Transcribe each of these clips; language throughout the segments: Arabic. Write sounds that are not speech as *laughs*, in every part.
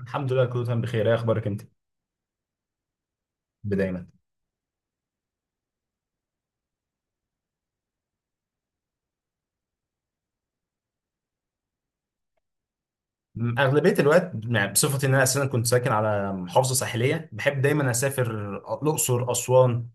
الحمد لله كله تمام بخير. ايه اخبارك انت؟ دايما. اغلبيه الوقت يعني، بصفتي ان انا اساسا كنت ساكن على محافظه ساحليه، بحب دايما اسافر الاقصر، اسوان،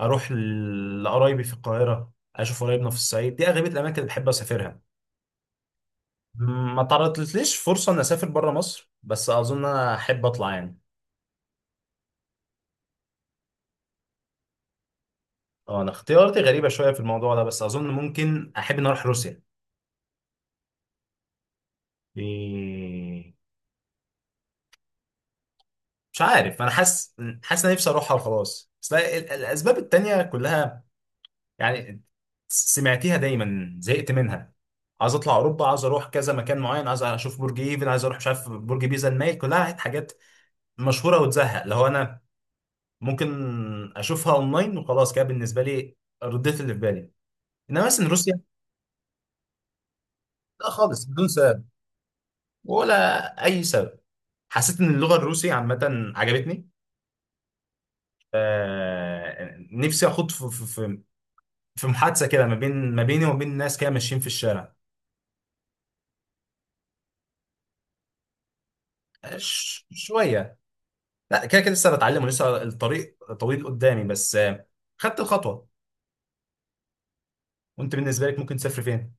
اروح لقرايبي في القاهره، اشوف قرايبنا في الصعيد. دي اغلبيه الاماكن اللي بحب اسافرها. ما تعرضتليش فرصه ان اسافر بره مصر، بس اظن انا احب اطلع يعني. اه، انا اختياراتي غريبه شويه في الموضوع ده، بس اظن ممكن احب ان اروح روسيا. إيه، مش عارف. انا حاسس، ان أنا نفسي اروحها وخلاص. بس لا، الاسباب التانيه كلها يعني سمعتيها دايما، زهقت منها. عايز اطلع اوروبا، عايز اروح كذا مكان معين، عايز اشوف برج ايفل، عايز اروح مش عارف برج بيزا المايل، كلها حاجات مشهوره وتزهق. اللي هو انا ممكن اشوفها اونلاين وخلاص كده بالنسبه لي. رديت اللي في بالي. انما مثلا روسيا. لا، خالص بدون سبب، ولا اي سبب. حسيت ان اللغه الروسيه عامه عجبتني. آه، نفسي اخوض في في محادثه كده، ما بين، ما بيني وما بين ناس كده ماشيين في الشارع. شويه. لا، كده كده لسه بتعلم ولسه الطريق طويل قدامي، بس خدت الخطوه. وانت بالنسبه لك ممكن تسافر فين؟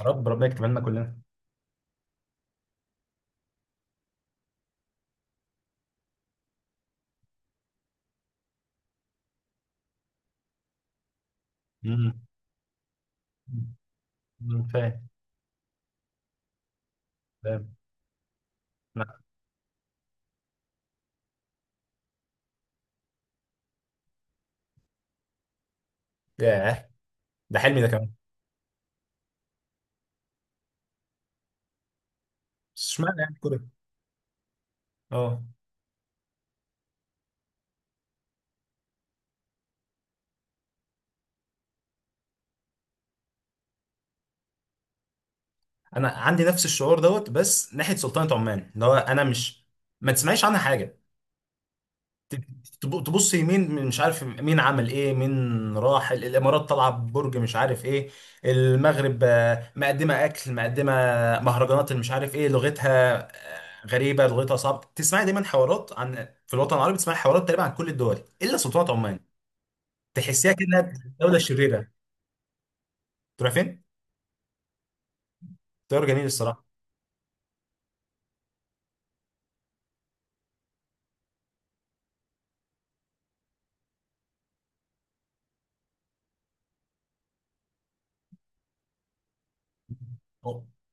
يا رب ربنا يكتبها لنا كلنا. امم. أمم، فاهم. فاهم. لا. ياه، ده حلمي ده كمان. بس اشمعنى يعني كده؟ اه، انا عندي نفس الشعور دوت، بس ناحيه سلطنه عمان. اللي هو انا مش ما تسمعيش عنها حاجه. تبص يمين مش عارف مين عمل ايه، مين راح الامارات، طالعه ببرج مش عارف ايه، المغرب، مقدمه اكل، مقدمه مهرجانات اللي مش عارف ايه لغتها، غريبه لغتها صعبه. تسمعي دايما حوارات عن في الوطن العربي، تسمعي حوارات تقريبا عن كل الدول الا سلطنه عمان. تحسيها كانها دوله شريره. تروح فين؟ طيار جميل الصراحه.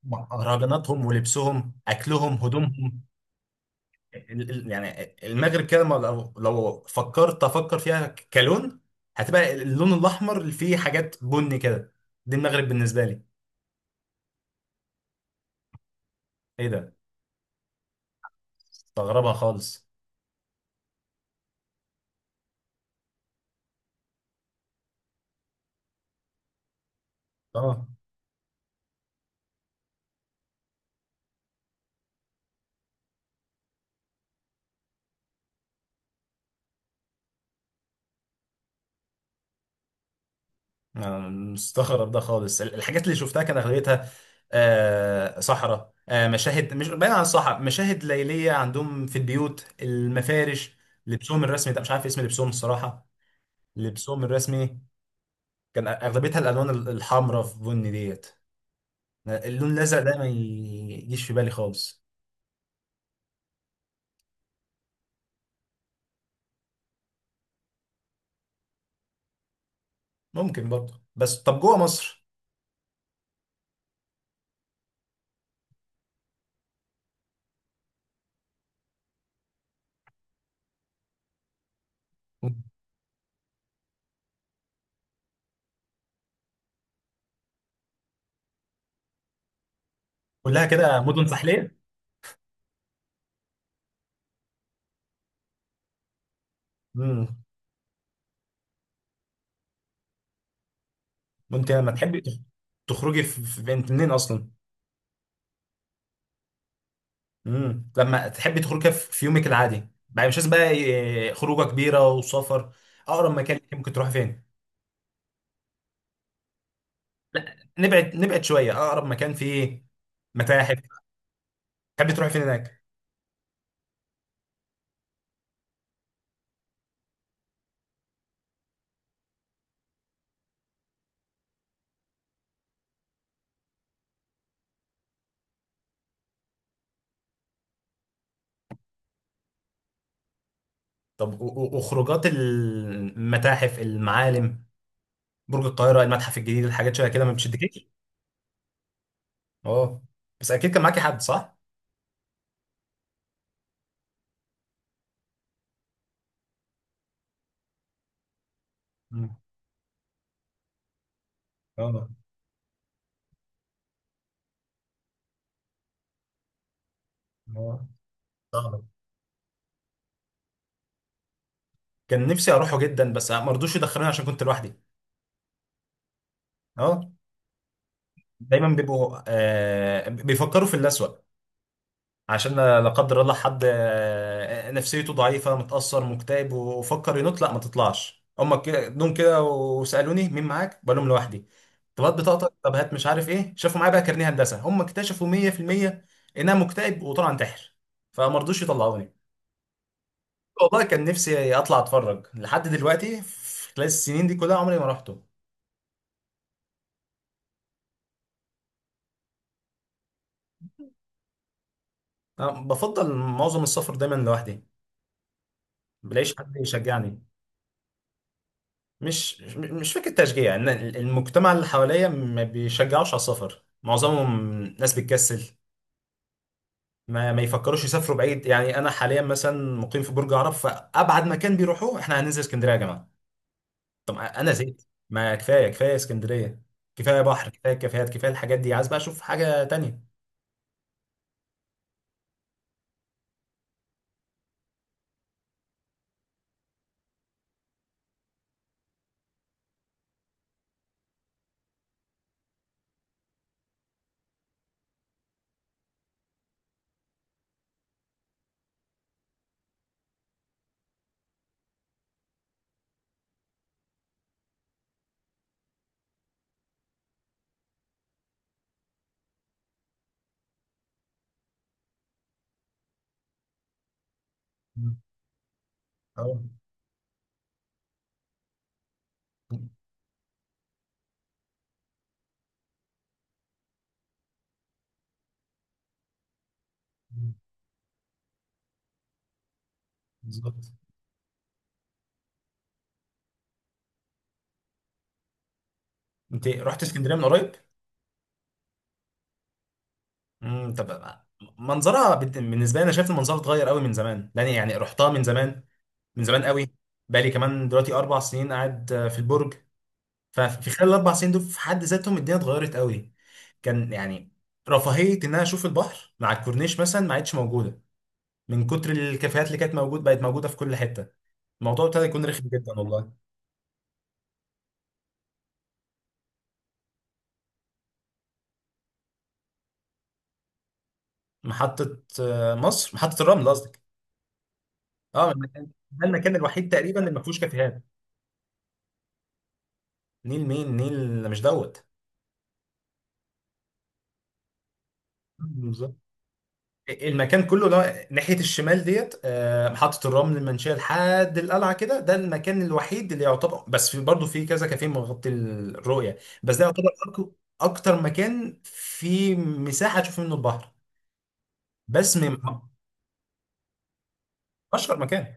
مهرجاناتهم ولبسهم اكلهم هدومهم. يعني المغرب كده، ما لو فكرت افكر فيها كلون، هتبقى اللون الاحمر اللي فيه حاجات بني كده. دي المغرب بالنسبه لي. ايه ده؟ مستغربها خالص. اه، أنا مستغرب ده خالص. الحاجات اللي شفتها كان اغلبيتها صحراء، مشاهد مش بعيد عن الصحراء، مشاهد ليليه عندهم في البيوت، المفارش، لبسهم الرسمي، ده مش عارف اسم لبسهم الصراحه. لبسهم الرسمي كان اغلبيتها الالوان الحمراء في بني ديت. اللون الازرق ده ما يجيش في بالي خالص. ممكن برضه. بس طب جوه مصر؟ كلها كده مدن ساحليه. امم. وانت لما تحبي تخرجي انت منين اصلا؟ امم، لما تحبي تخرجي في يومك العادي بقى، مش لازم بقى خروجه كبيره وسفر، اقرب مكان ليكي ممكن تروحي فين؟ نبعد، نبعد شويه. اقرب مكان فيه متاحف، تحبي تروحي فين هناك؟ طب وخروجات المتاحف، المعالم، برج القاهره، المتحف الجديد، الحاجات شويه كده ما بتشدكيش. اه، بس اكيد كان معاكي حد، صح؟ مم. اه. اه. اه. كان نفسي اروحه جدا، بس ما رضوش يدخلوني عشان كنت لوحدي. اه. دايما بيبقوا بيفكروا في الأسوأ، عشان لا قدر الله حد نفسيته ضعيفة متأثر مكتئب وفكر ينط، لا ما تطلعش، هما كده جم كده وسألوني مين معاك؟ بقول لهم لوحدي. طب هات بطاقتك، طب هات، مش عارف ايه، شافوا معايا بقى كارنيه هندسة، هما اكتشفوا 100% انها مكتئب وطلع انتحر، فما رضوش يطلعوني. والله كان نفسي اطلع اتفرج، لحد دلوقتي في خلال السنين دي كلها عمري ما رحته. أنا بفضل معظم السفر دايما لوحدي، بلاقيش حد يشجعني. مش فكرة تشجيع، ان المجتمع اللي حواليا ما بيشجعوش على السفر معظمهم. ناس بتكسل، ما يفكروش يسافروا بعيد يعني. انا حاليا مثلا مقيم في برج عرب، فابعد مكان بيروحوه احنا هننزل اسكندرية يا جماعة. طب انا زهقت، ما كفاية كفاية اسكندرية، كفاية بحر، كفاية كافيهات، كفاية الحاجات دي، عايز بقى اشوف حاجة تانية. مم. أه. بالظبط. انت رحت اسكندريه من قريب؟ امم، طب منظرها بالنسبه لي انا شايف المنظر اتغير قوي من زمان، لان يعني رحتها من زمان، من زمان قوي. بقالي كمان دلوقتي اربع سنين قاعد في البرج. ففي خلال الاربع سنين دول في حد ذاتهم الدنيا اتغيرت قوي. كان يعني رفاهيه ان انا اشوف البحر مع الكورنيش مثلا ما عادش موجوده، من كتر الكافيهات اللي كانت موجود بقت موجوده في كل حته. الموضوع ابتدى يكون رخم جدا، والله. محطه مصر، محطه الرمل قصدك؟ اه. ده المكان الوحيد تقريبا اللي ما فيهوش كافيهات. نيل مين؟ نيل مش دوت. بالظبط. المكان كله ده ناحية الشمال ديت، محطة الرمل، المنشية لحد القلعة كده، ده المكان الوحيد اللي يعتبر، بس في برضه في كذا كافيه مغطي الرؤية، بس ده يعتبر أكتر مكان فيه مساحة تشوف منه البحر، بس من أشهر مكان.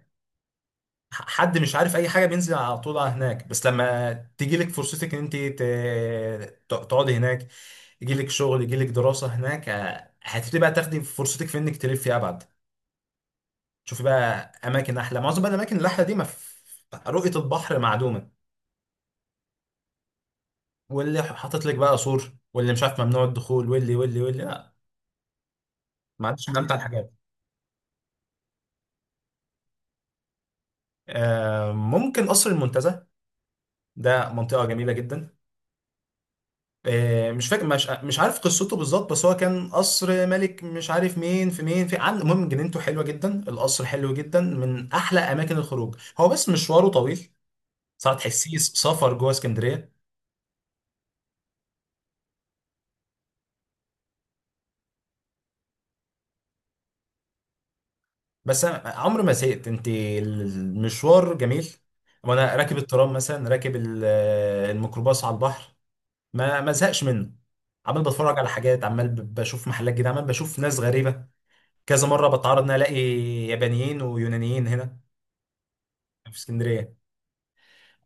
حد مش عارف اي حاجه بينزل على طول على هناك، بس لما تيجي لك فرصتك ان انت تقعدي هناك، يجي لك شغل، يجي لك دراسه هناك، هتبتدي بقى تاخدي فرصتك في انك تلفي ابعد، تشوفي بقى اماكن احلى. معظم بقى الاماكن الاحلى دي ما في- رؤيه البحر معدومه، واللي حاطط لك بقى سور، واللي مش عارف ممنوع الدخول، واللي واللي واللي، لا، ما عادش من امتع الحاجات. ممكن قصر المنتزه، ده منطقه جميله جدا. مش فاكر، مش عارف قصته بالظبط، بس هو كان قصر ملك مش عارف مين في مين في، عن المهم جنينته حلوه جدا، القصر حلو جدا، من احلى اماكن الخروج هو، بس مشواره طويل، صراحه تحسيه سفر جوه اسكندريه. بس أنا عمري ما زهقت، انت المشوار جميل، وانا راكب الترام مثلا، راكب الميكروباص على البحر، ما زهقش منه، عمال بتفرج على حاجات، عمال بشوف محلات جديده، عمال بشوف ناس غريبه، كذا مره بتعرض ان أنا الاقي يابانيين ويونانيين هنا في اسكندريه.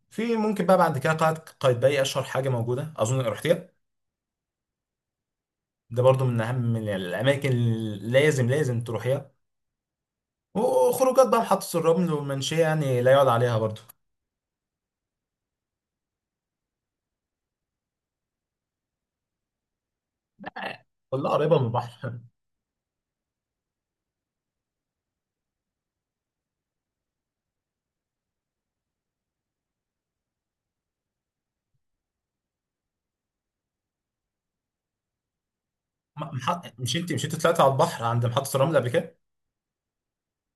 في ممكن بقى بعد كده قلعة قايتباي، اشهر حاجه موجوده، اظن رحتيها. ده برضو من اهم من الاماكن اللي لازم تروحيها. وخروجات بقى محطه الرمل والمنشيه، يعني لا يعلى عليها برضو. كلها قريبه من البحر. محط... مش انت طلعت على البحر عند محطه الرمل قبل كده؟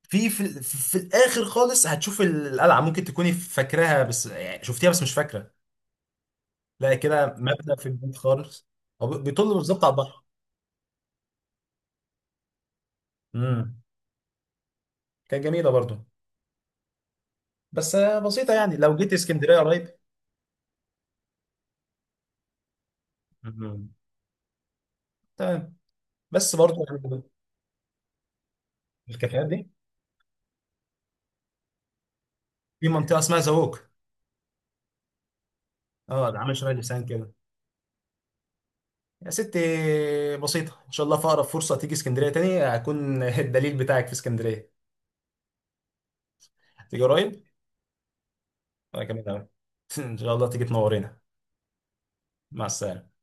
في في, ال- في في الاخر خالص هتشوف القلعه، ممكن تكوني فاكراها بس يعني، شفتيها بس مش فاكره. لا كده مبنى في البيت خالص. هو بيطل بالظبط على البحر. امم. كانت جميله برضو، بس بسيطه يعني، لو جيت اسكندريه قريب. مم. تمام. بس برضه يعني الكافيهات دي. في منطقه اسمها زووك. اه، ده عامل شبه لسان كده. يا ستي بسيطه، ان شاء الله في اقرب فرصه تيجي اسكندريه تاني، هكون *laughs* الدليل بتاعك في اسكندريه، تيجي قريب. انا كمان أهو. *laughs* ان شاء الله تيجي تنورينا. مع السلامه.